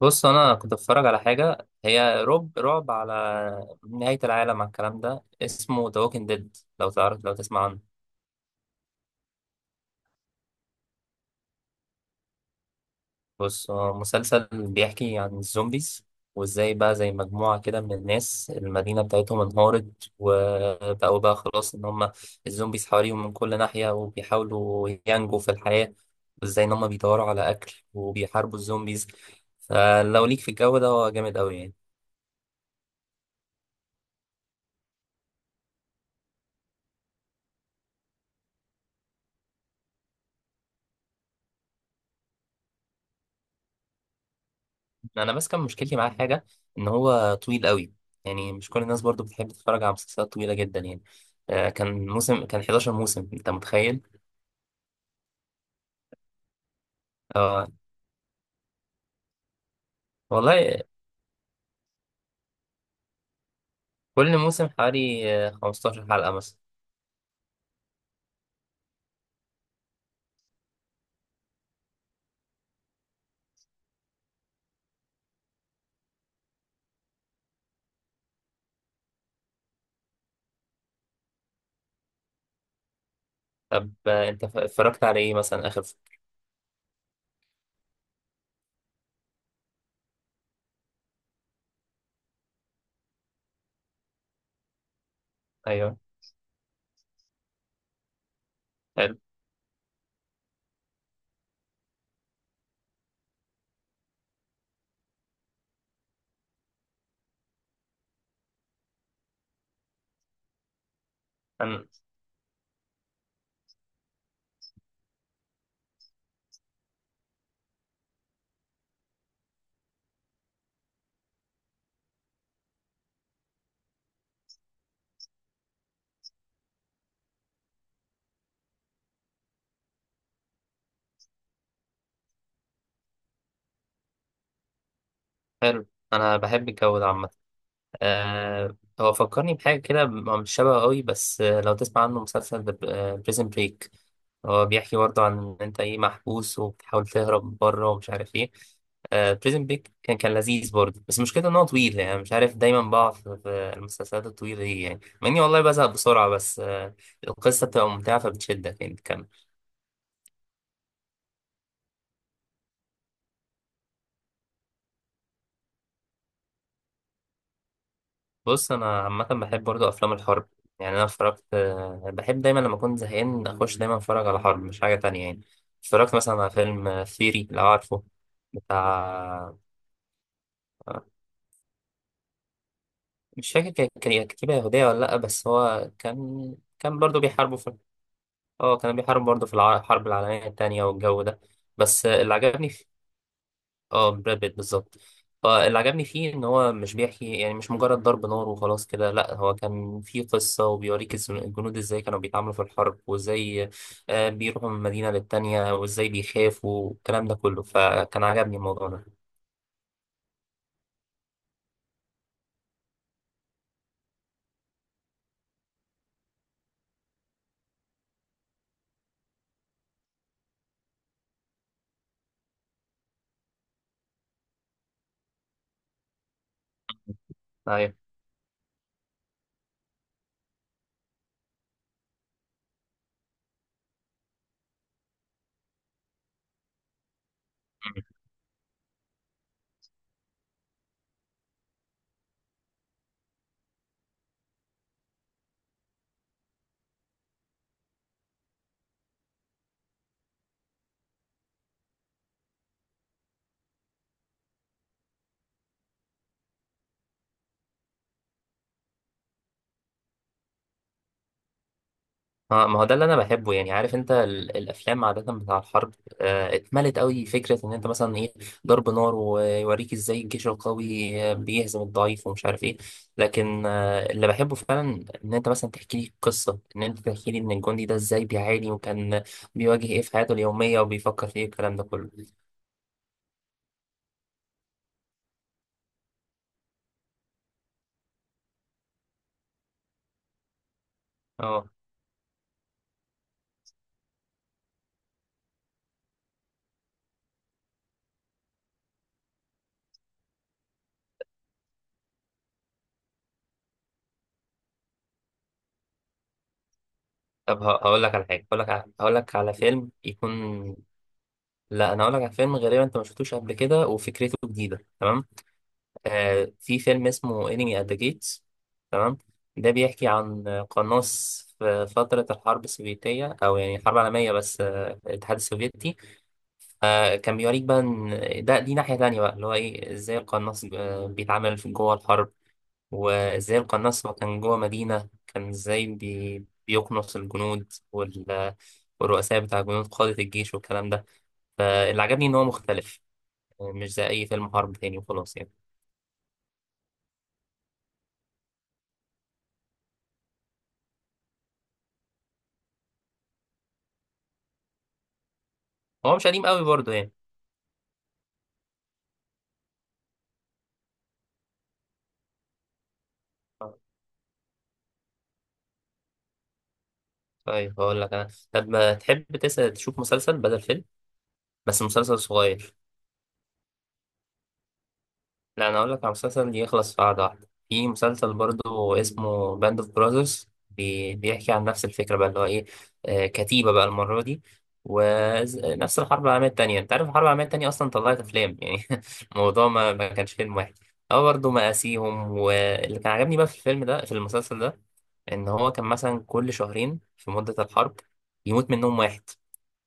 بص، انا كنت بتفرج على حاجه هي رعب رعب، على نهايه العالم، على الكلام ده. اسمه The Walking Dead. لو تسمع عنه؟ بص، هو مسلسل بيحكي عن الزومبيز، وازاي بقى زي مجموعه كده من الناس المدينه بتاعتهم انهارت، وبقوا بقى خلاص ان هم الزومبيز حواليهم من كل ناحيه، وبيحاولوا ينجوا في الحياه، وازاي ان هم بيدوروا على اكل وبيحاربوا الزومبيز. فلو ليك في الجو ده، هو جامد قوي يعني. انا بس كان مشكلتي معاه حاجه، ان هو طويل قوي. يعني مش كل الناس برضو بتحب تتفرج على مسلسلات طويله جدا يعني. كان 11 موسم، انت متخيل؟ اه، والله. كل موسم حوالي 15 حلقه مثلا. طب، انت اتفرجت على ايه مثلا اخر ايوه. حلو. أنا- حلو. انا بحب الجو ده عامه. هو فكرني بحاجة كده، هو مش شبه قوي، بس لو تسمع عنه مسلسل بريزن بريك، هو بيحكي برضه عن إن أنت إيه محبوس وبتحاول تهرب بره ومش عارف إيه. بريزن بريك كان لذيذ برضه، بس مشكلته إن هو طويل، يعني مش عارف، دايما بقع في المسلسلات الطويلة دي، يعني، مع إني والله بزهق بسرعة، بس القصة بتبقى ممتعة فبتشدك يعني. بص، انا عامه بحب برضو افلام الحرب. يعني انا اتفرجت، بحب دايما لما اكون زهقان اخش دايما اتفرج على حرب، مش حاجه تانية يعني. اتفرجت مثلا على فيلم ثيري، لو عارفه، بتاع... مش فاكر كان إيه، كتيبه يهوديه ولا لا، بس هو كان برضو بيحاربوا في... اه، كان بيحارب برضو في الحرب العالميه التانية والجو ده. بس اللي عجبني... اه، براد بيت بالظبط. فاللي عجبني فيه ان هو مش بيحكي، يعني مش مجرد ضرب نار وخلاص كده، لا هو كان فيه قصة، وبيوريك الجنود ازاي كانوا بيتعاملوا في الحرب، وازاي بيروحوا من مدينة للتانية، وازاي بيخافوا، والكلام ده كله. فكان عجبني الموضوع ده. أيوة. اه، ما هو ده اللي انا بحبه. يعني عارف انت الافلام عاده بتاع الحرب، اتملت قوي فكره ان انت مثلا ايه، ضرب نار، ويوريك ازاي الجيش القوي بيهزم الضعيف، ومش عارف ايه. لكن اللي بحبه فعلا ان انت مثلا تحكي لي قصه، ان انت تحكي لي ان الجندي ده ازاي بيعاني، وكان بيواجه ايه في حياته اليوميه، وبيفكر في ايه، الكلام ده كله. اه. طب، هقول لك على حاجه، هقول لك على فيلم يكون... لا، انا هقول لك على فيلم غالبا انت ما شفتوش قبل كده، وفكرته جديده تمام. في فيلم اسمه انمي ات ذا جيتس. تمام. ده بيحكي عن قناص في فترة الحرب السوفيتية، أو يعني الحرب العالمية، بس الاتحاد السوفيتي. كان بيوريك بقى إن ده، دي ناحية تانية بقى، اللي هو إيه إزاي القناص بيتعامل في جوه الحرب، وإزاي القناص، هو كان جوه مدينة، كان إزاي بيقنص الجنود والرؤساء بتاع الجنود، قادة الجيش والكلام ده. فاللي عجبني إن هو مختلف، مش زي أي فيلم حرب تاني وخلاص يعني. هو مش قديم قوي برضه يعني. طيب، هقول لك انا. طب ما تحب تسأل تشوف مسلسل بدل فيلم؟ بس مسلسل صغير. لا، انا هقول لك على مسلسل يخلص في قعده واحده، في مسلسل برضو اسمه باند اوف براذرز. بيحكي عن نفس الفكره بقى اللي هو ايه، كتيبه بقى المره دي، ونفس الحرب العالميه التانيه. انت عارف الحرب العالميه التانيه اصلا طلعت افلام يعني الموضوع ما كانش فيلم واحد. هو برضه مآسيهم، واللي كان عجبني بقى في الفيلم ده في المسلسل ده، ان هو كان مثلا كل شهرين في مده الحرب يموت منهم واحد،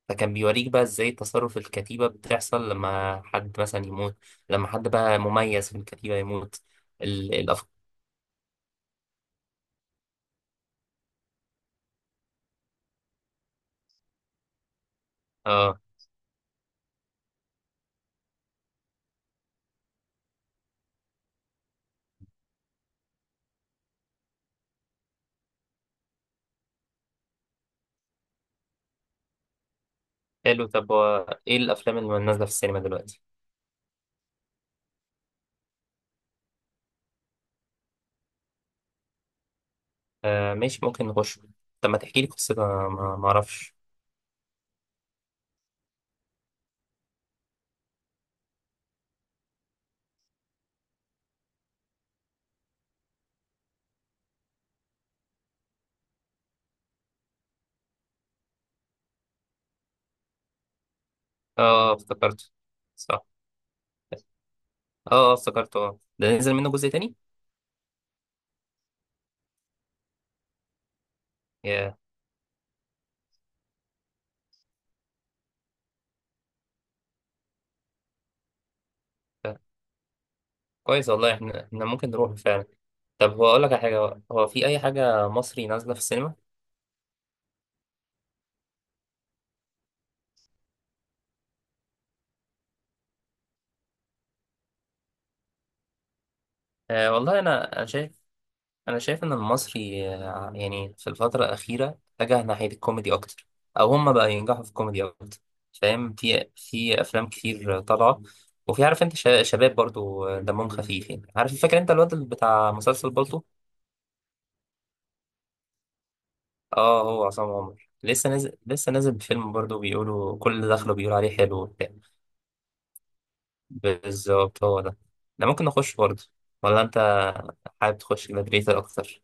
فكان بيوريك بقى ازاي تصرف الكتيبة بتحصل لما حد مثلا يموت، لما حد بقى مميز في الكتيبة يموت. ال- الأف... اه. حلو. طب هو ايه الأفلام اللي نازلة في السينما دلوقتي؟ آه، ماشي، ممكن نخش. طب ما تحكي لي قصتها، ما اعرفش. اه، افتكرته. صح. اه، افتكرته. اه، ده نزل منه جزء تاني؟ ياه. ده كويس والله. احنا ممكن نروح فعلا. طب هو، اقول لك على حاجة، هو في أي حاجة مصري نازلة في السينما؟ والله، أنا أنا شايف انا شايف ان المصري يعني في الفتره الاخيره اتجه ناحيه الكوميدي اكتر، او هم بقى ينجحوا في الكوميدي اكتر. فاهم، في افلام كتير طالعه، وفي، عارف انت، شباب برضو دمهم خفيف، يعني عارف، فاكر انت الواد اللي بتاع مسلسل بالطو؟ اه، هو عصام عمر لسه نازل، بفيلم برضو، بيقولوا كل اللي دخله بيقولوا عليه حلو وبتاع. بالظبط، هو ده. ده ممكن نخش برضو، ولا انت حابب تخش جلاديتور اكتر؟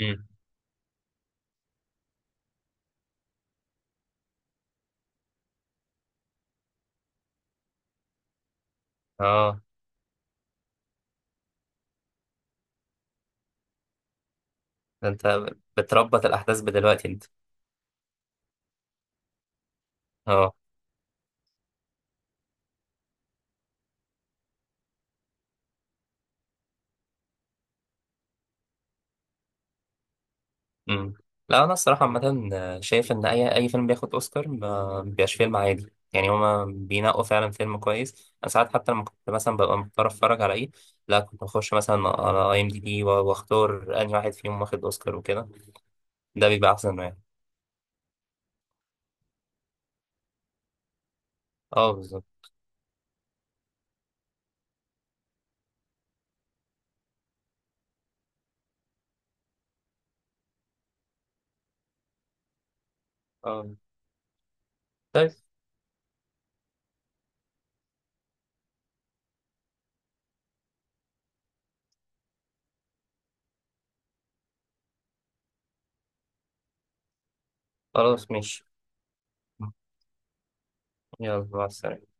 امم. اه. ده انت بتربط الاحداث بدلوقتي انت؟ اه. امم. لا، انا الصراحه عامه شايف ان اي فيلم بياخد اوسكار ما بيبقاش فيلم عادي، يعني هما بينقوا فعلا فيلم كويس. انا ساعات حتى لما كنت مثلا ببقى مضطر اتفرج على ايه، لا، كنت بخش مثلا على اي ام دي بي واختار انهي واحد فيهم واخد اوسكار وكده. ده بيبقى احسن يعني. اه، بالظبط. اه. طيب، خلاص، ماشي. يلا مع السلامه.